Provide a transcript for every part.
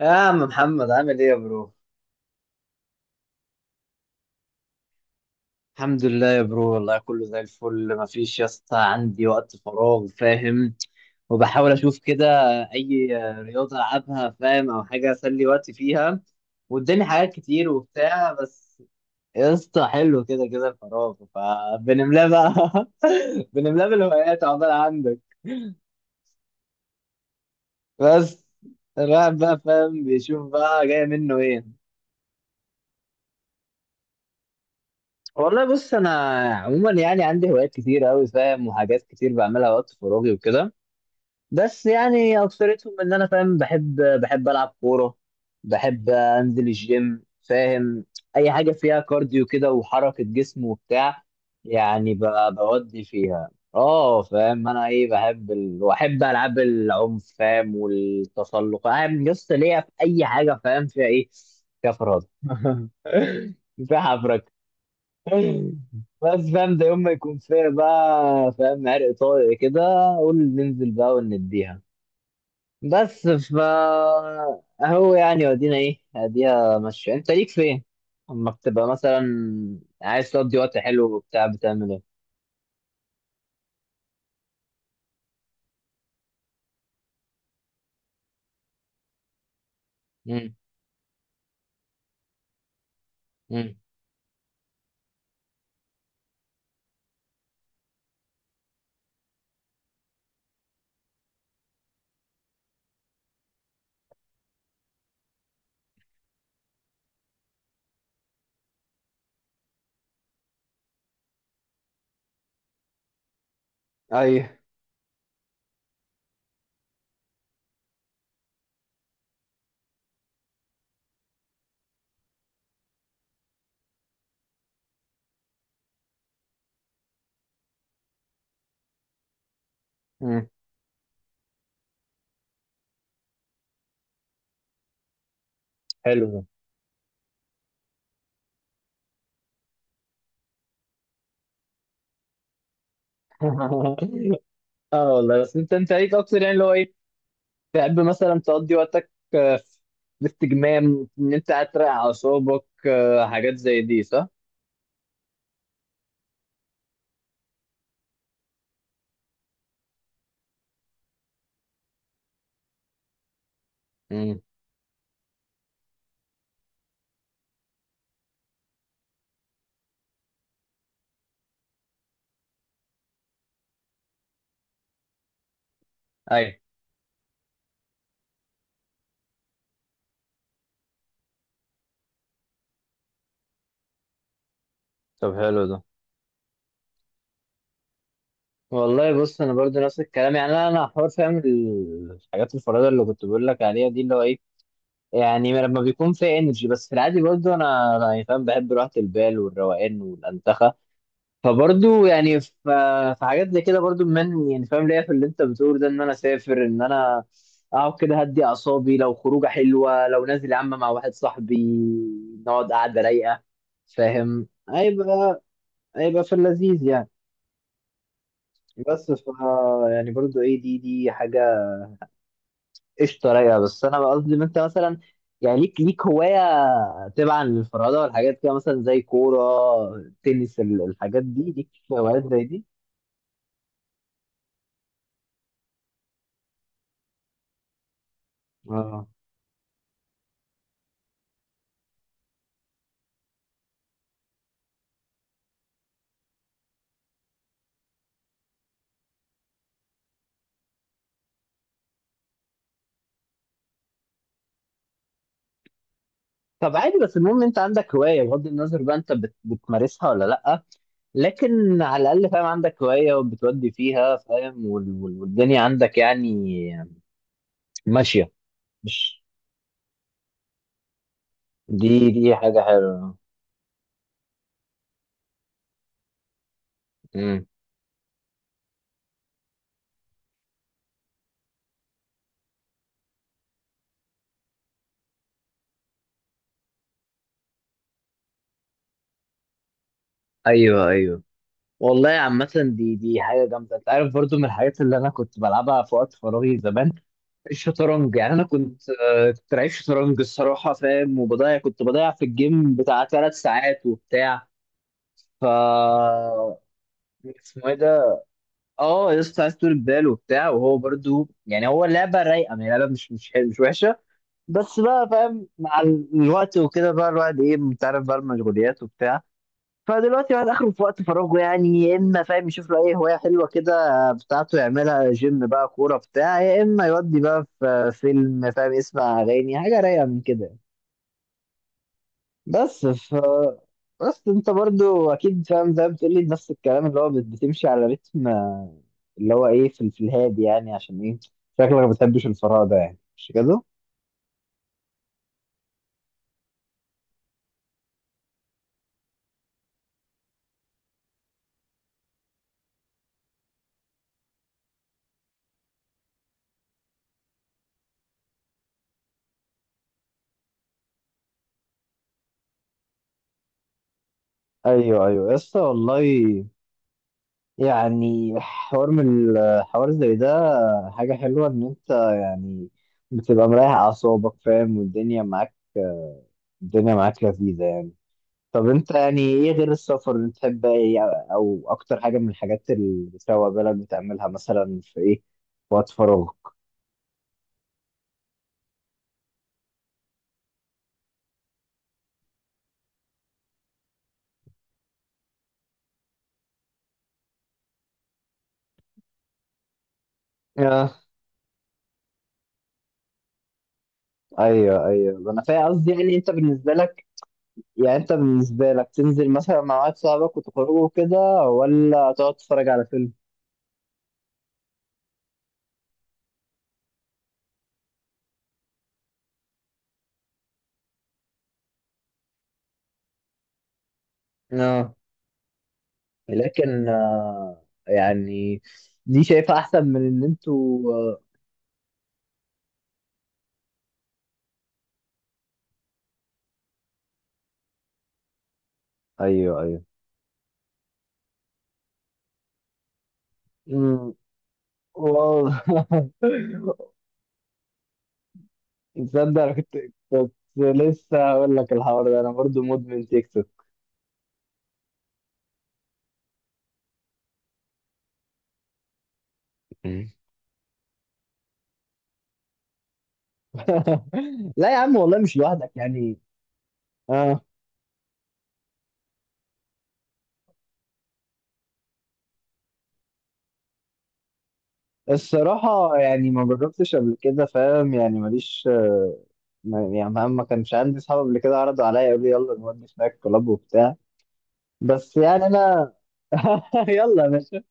يا عم محمد، عامل ايه يا برو؟ الحمد لله يا برو، والله كله زي الفل. مفيش يا اسطى، عندي وقت فراغ فاهم، وبحاول اشوف كده اي رياضه العبها فاهم، او حاجه اسلي وقتي فيها. وقدامي حاجات كتير وبتاع. بس يا اسطى، حلو كده كده الفراغ، فبنملاه بقى. بنملاه بالهوايات، عقبال عندك. بس الواحد بقى فاهم بيشوف بقى جاي منه ايه. والله بص، انا عموما يعني عندي هوايات كتير قوي فاهم، وحاجات كتير بعملها وقت فراغي وكده. بس يعني اكثرتهم ان انا فاهم بحب العب كوره، بحب انزل الجيم فاهم. اي حاجه فيها كارديو كده وحركه جسم وبتاع. يعني بودي فيها. اه فاهم انا ايه بحب واحب العاب العنف فاهم، والتسلق. انا لسه ليا في اي حاجه فاهم فيها ايه؟ فيها فرهدة. في حفرك. بس فاهم، ده يوم ما يكون فيها بقى فاهم عرق طارق كده، قول ننزل بقى ونديها. بس فا اهو يعني ودينا ايه اديها ماشية، انت ليك فين. اما بتبقى مثلا عايز تقضي وقت حلو وبتاع، بتعمل ايه؟ امم. امم. ايوه. امم. حلو ده. اه والله، بس انت ليك اكتر يعني اللي هو ايه، تحب مثلا تقضي وقتك في استجمام، ان انت قاعد تراقع اعصابك حاجات زي دي، صح؟ ايوه. طب حلو ده. والله بص، انا برضو نفس الكلام يعني انا حوار فاهم الحاجات الفريده اللي كنت بقول لك عليها دي اللي هو ايه، يعني لما بيكون في انرجي. بس في العادي برضو انا يعني فاهم بحب راحه البال والروقان والانتخه، فبرضو يعني في حاجات زي كده برضو. من يعني فاهم ليا في اللي انت بتقول ده، ان انا اسافر، ان انا اقعد كده هدي اعصابي، لو خروجه حلوه، لو نازل يا عم مع واحد صاحبي نقعد قعده رايقه فاهم، هيبقى في اللذيذ يعني. بس ف يعني برضو ايه، دي حاجه قشطه رايقه. بس انا بقى قصدي ان انت مثلا يعني ليك هوايه، تبعا للفرهده والحاجات كده، مثلا زي كوره، تنس، الحاجات دي، ليك هوايات زي دي؟ اه. طب عادي، بس المهم انت عندك هوايه بغض النظر بقى انت بتمارسها ولا لا. لكن على الاقل فاهم عندك هوايه وبتودي فيها فاهم، والدنيا عندك يعني ماشيه. مش دي حاجه حلوه؟ امم. ايوه ايوه. والله عامة، دي حاجة جامدة. أنت عارف برضو من الحاجات اللي أنا كنت بلعبها في وقت فراغي زمان، الشطرنج. يعني أنا كنت لعيب شطرنج الصراحة فاهم، كنت بضيع في الجيم بتاع 3 ساعات وبتاع. ف اسمه إيه ده؟ أه يا اسطى، عايز طول بال وبتاع، وهو برضو يعني لعبة رايقة، يعني لعبة مش حلوة، مش وحشة. بس بقى فاهم مع الوقت وكده بقى الواحد إيه، أنت عارف بقى، المشغوليات وبتاع. فدلوقتي الواحد اخره في وقت فراغه يعني يا اما فاهم يشوف له اي هوايه حلوه كده بتاعته يعملها، جيم بقى كوره بتاع، يا اما يودي بقى في فيلم فاهم، يسمع اغاني، حاجه رايقه من كده. بس ف بس انت برضو اكيد فاهم زي ما بتقول لي نفس الكلام، اللي هو بتمشي على رتم اللي هو ايه، في الهادي يعني، عشان ايه شكلك ما بتحبش الفراغ ده، يعني مش كده؟ ايوه ايوه يا اسطى والله. يعني حوار من الحوار زي ده حاجة حلوة، إن أنت يعني بتبقى مريح أعصابك فاهم والدنيا معاك، الدنيا معاك لذيذة يعني. طب أنت يعني إيه غير السفر اللي بتحب إيه؟ أو أكتر حاجة من الحاجات اللي بتروق بالك بتعملها مثلا، في إيه في وقت فراغك؟ آه. أيوه أيوه أنا فاهم. قصدي يعني أنت بالنسبة لك، يعني أنت بالنسبة لك تنزل مثلا مع واحد صاحبك وتخرجوا كده، ولا تقعد تتفرج على فيلم؟ آه. لكن يعني دي شايفها احسن من ان انتوا ايوه ايوه. مم، واو. تصدق انا كنت لسه هقول لك الحوار ده، انا برضو مدمن تيك توك. مم. لا يا عم، والله مش لوحدك يعني. اه. الصراحة يعني ما جربتش قبل كده فاهم، يعني ماليش يعني ما كانش عندي صحاب قبل كده عرضوا عليا يقولوا لي يلا نودي سناك كلاب وبتاع. بس يعني انا. يلا يا باشا.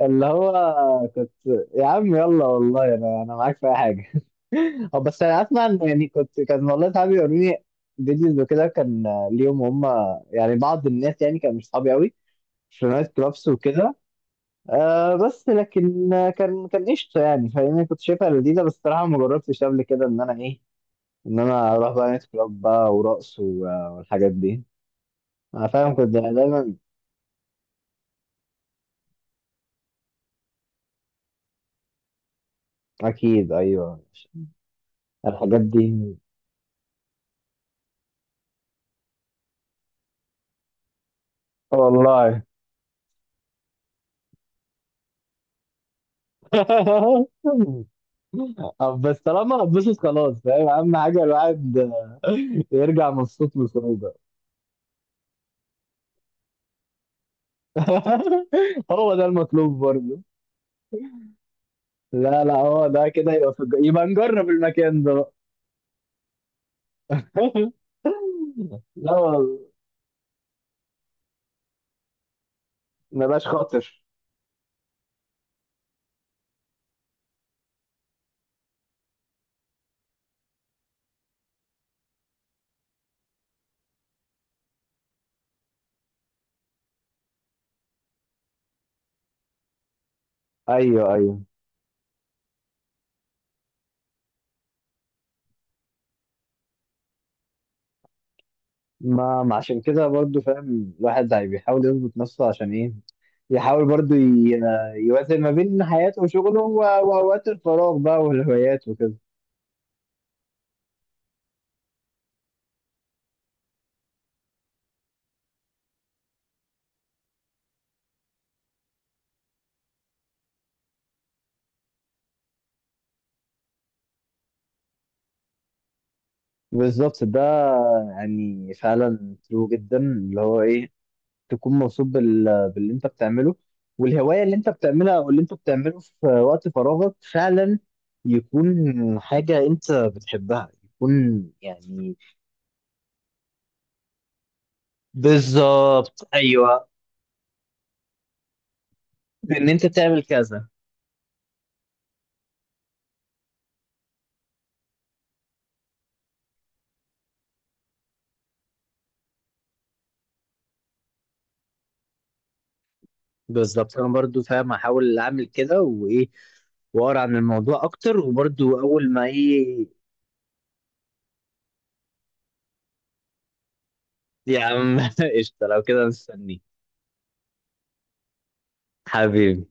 اللي هو كنت. يا عم يلا والله، انا معاك في اي حاجه. هو بس انا اسمع، ان يعني كان والله صحابي يوروني فيديوز وكده، كان ليهم هم يعني بعض الناس يعني كانوا مش صحابي قوي، في نايت كلابس وكده. آه بس لكن كان قشطه يعني فاهمني، كنت شايفها لذيذه. بس الصراحه ما جربتش قبل كده ان انا ايه، ان انا اروح بقى نايت كلاب بقى، ورقص والحاجات دي. انا فاهم كنت دايما. اكيد ايوه. الحاجات دي. والله. بس طالما هتبسط خلاص فاهم، اهم حاجه الواحد يرجع مبسوط من الخروجه. هو ده المطلوب برضه. لا لا، هو ده كده، يبقى في يبقى نجرب المكان ده بقى. لا والله، ما بقاش خاطر. ايوه ايوه. ما عشان كده برضه فاهم الواحد هي بيحاول يظبط نفسه عشان ايه، يحاول برضه يوازن ما بين حياته وشغله واوقات الفراغ بقى والهوايات وكده. بالظبط ده، يعني فعلا ترو جدا اللي هو ايه، تكون مبسوط باللي انت بتعمله، والهوايه اللي انت بتعملها او اللي انت بتعمله في وقت فراغك فعلا يكون حاجه انت بتحبها يكون يعني. بالظبط ايوه. ان انت تعمل كذا. بالظبط. انا برضو فاهم احاول اعمل كده، وايه واقرا عن الموضوع اكتر، وبرضو اول ما ايه. يا عم قشطه، لو كده مستنيك. حبيبي.